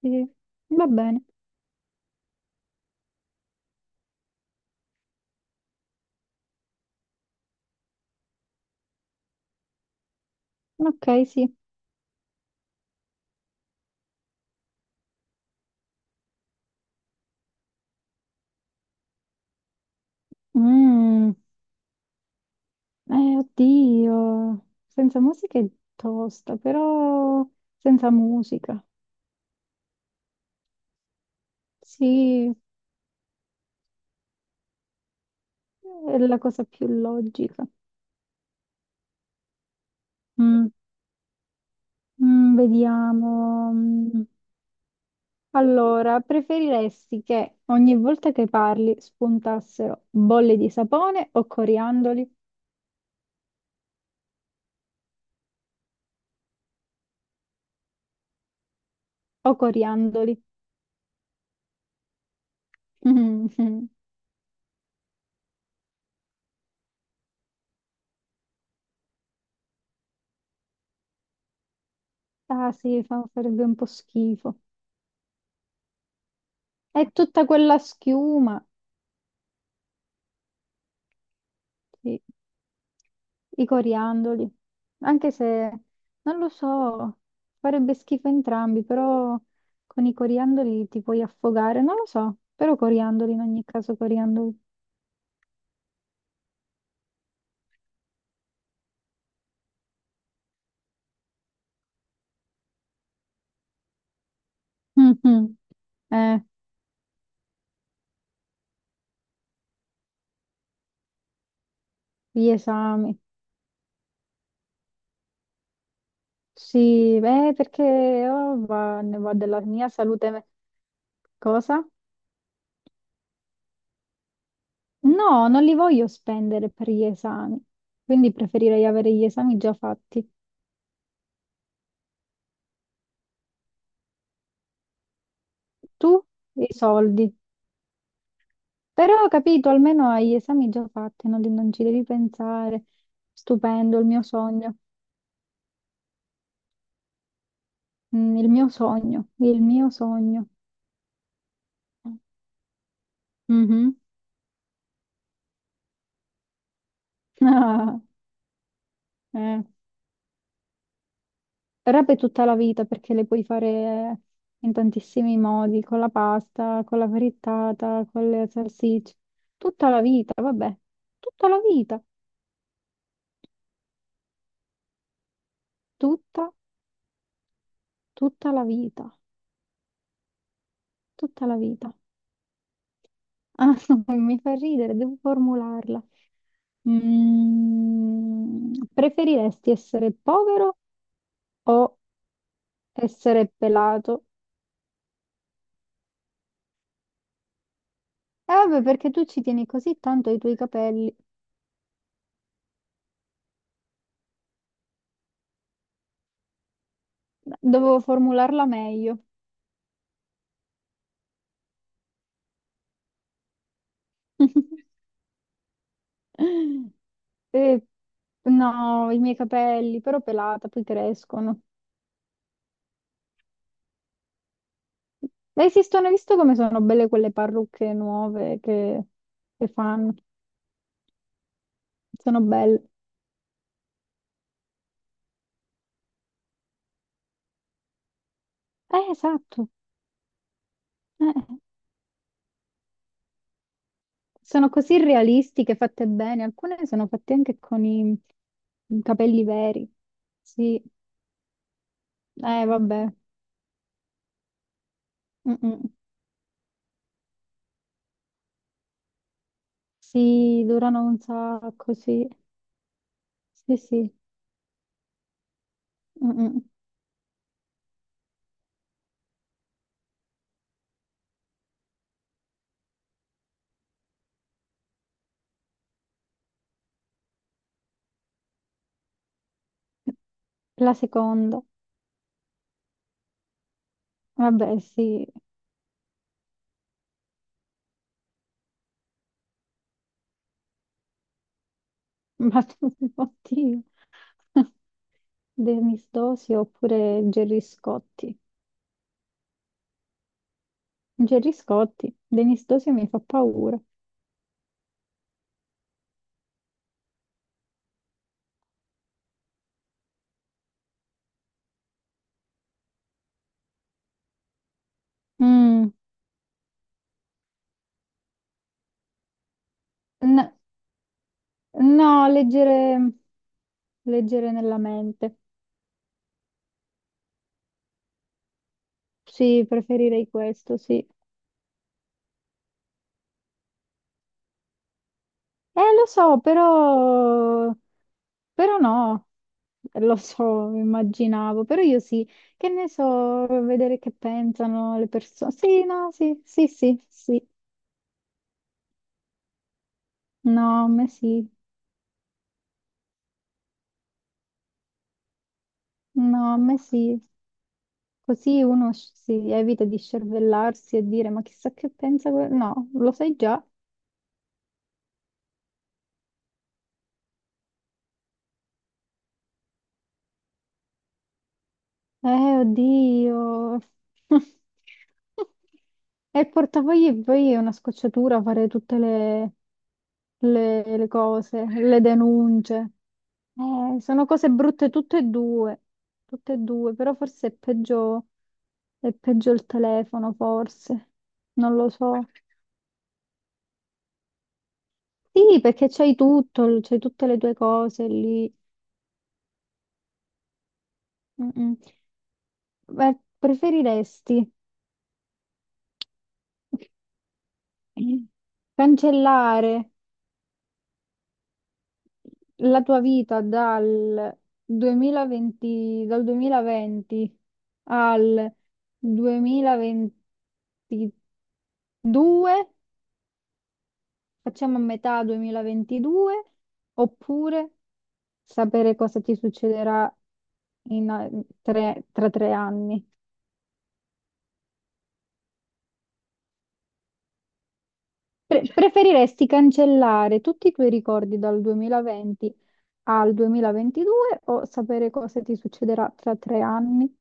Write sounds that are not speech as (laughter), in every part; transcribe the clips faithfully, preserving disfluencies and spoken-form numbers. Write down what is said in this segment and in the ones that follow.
Sì, va bene. Ok, sì. Mm. Eh, oddio. Senza musica è tosta, però senza musica. Sì, è la cosa più logica. Mm. Mm, vediamo. Mm. Allora, preferiresti che ogni volta che parli spuntassero bolle di sapone o coriandoli? O coriandoli? (laughs) Ah sì, fa- farebbe un po' schifo. È tutta quella schiuma. Sì, i coriandoli. Anche se, non lo so, farebbe schifo entrambi, però con i coriandoli ti puoi affogare, non lo so, però coriandoli in ogni caso, coriandoli. Mhm. Eh, gli esami. Sì, beh, perché oh, va- ne va della mia salute. me- Cosa? No, non li voglio spendere per gli esami, quindi preferirei avere gli esami già fatti. Tu, i soldi. Però ho capito, almeno hai gli esami già fatti, no? Di- Non ci devi pensare. Stupendo, il mio sogno. Mm, il mio sogno, il mio sogno. Mhm. Ah, (laughs) eh. Però per tutta la vita, perché le puoi fare in tantissimi modi, con la pasta, con la frittata, con le salsicce. Tutta la vita, vabbè. Tutta la vita. Tutta, tutta la vita. Tutta la vita. Ah, (laughs) mi fa ridere, devo formularla. Mm, preferiresti essere povero o essere pelato? Eh vabbè, perché tu ci tieni così tanto ai tuoi capelli. Dovevo formularla meglio. (laughs) Eh, no, i miei capelli, però pelata, poi crescono. Ma esistono, hai visto come sono belle quelle parrucche nuove che, che fanno? Sono belle. Eh, esatto. Eh. Sono così realistiche, fatte bene. Alcune sono fatte anche con i i capelli veri. Sì, eh, vabbè. Mm-mm. Sì, durano un sacco, sì. Sì, sì. Mm-mm. La seconda. Vabbè, sì. Ma tu, (laughs) oddio. Denis Dosio (laughs) oppure Gerry Scotti. Gerry Scotti. Denis Dosio mi fa paura. Mm. N- no, leggere, leggere nella mente. Sì, preferirei questo, sì. Eh, lo so, però... però no, (laughs) lo so, immaginavo, però io sì, che ne so, vedere che pensano le persone. Sì, no, sì, sì, sì, sì, no, a me sì, no, a me sì. Così uno sc- si evita di scervellarsi e dire, ma chissà che pensa... que-". No, lo sai già. Eh, oddio. (laughs) E il portafogli poi è una scocciatura fare tutte le, le- le cose, le denunce. Eh, sono cose brutte tutte e due, tutte e due, però forse è peggio, è peggio il telefono, forse. Non lo so. Sì, perché c'hai tutto, c'hai tutte le tue cose lì. Mm, mm. Beh, preferiresti (laughs) cancellare la tua vita dal duemilaventi, dal duemilaventi, al duemilaventidue, facciamo a metà duemilaventidue, oppure sapere cosa ti succederà in a- tre- tra tre anni. Pre- preferiresti cancellare tutti i tuoi ricordi dal duemilaventi al duemilaventidue o sapere cosa ti succederà tra tre anni?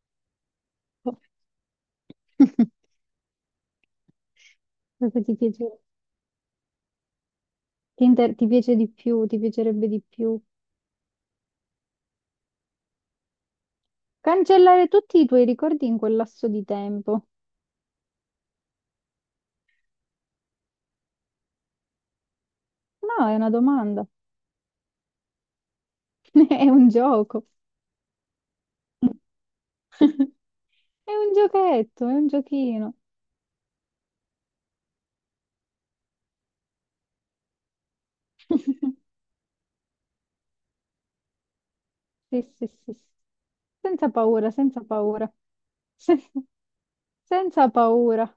(laughs) Proprio ti piace, ti, inter- ti piace di più, ti piacerebbe di più cancellare tutti i tuoi ricordi in quel lasso di tempo? No, è una domanda, (laughs) è un gioco, (laughs) è un giochetto, è un giochino. (laughs) Sì, sì, sì, sì. Senza paura, senza paura, Sen- senza paura.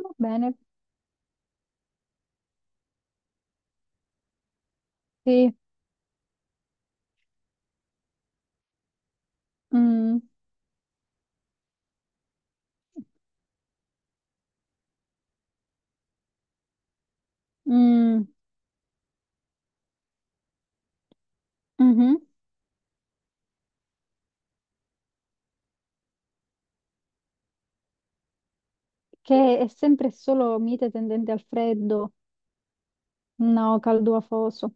Va bene, sì. Mm, mm, mhm. Che è sempre solo mite tendente al freddo, no, caldo afoso.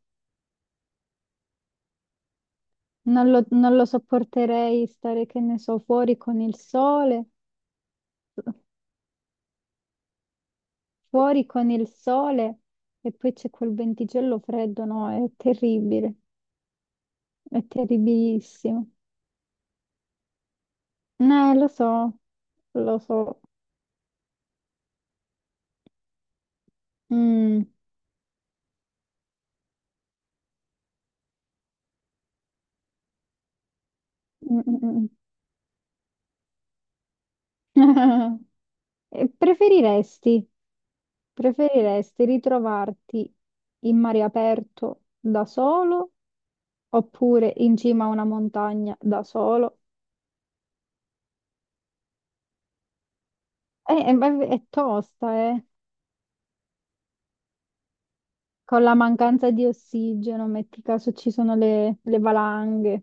Non lo, non lo sopporterei stare, che ne so, fuori con il sole, fuori con il sole e poi c'è quel venticello freddo, no? È terribile, è terribilissimo. Eh, lo so, lo so. Mm, mm, mm, mm. (laughs) E Preferiresti, preferiresti ritrovarti in mare aperto da solo oppure in cima a una montagna da solo? Eh, eh, ma è è tosta, eh. Con la mancanza di ossigeno, metti caso ci sono le, le valanghe.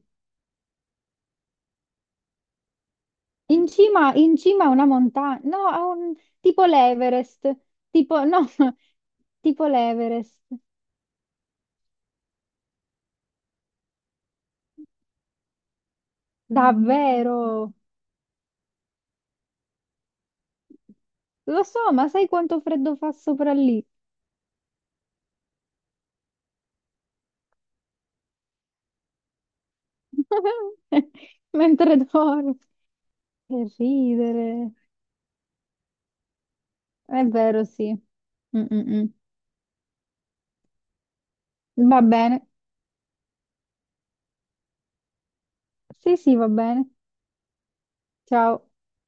In cima, in cima a una montagna, no, a un, tipo l'Everest, tipo, no, (laughs) tipo l'Everest. Davvero? Lo so, ma sai quanto freddo fa sopra lì? (laughs) Mentre dormi. Che ridere. È vero, sì. Mm, mm, mm. Va bene. Sì, sì, va bene. Ciao.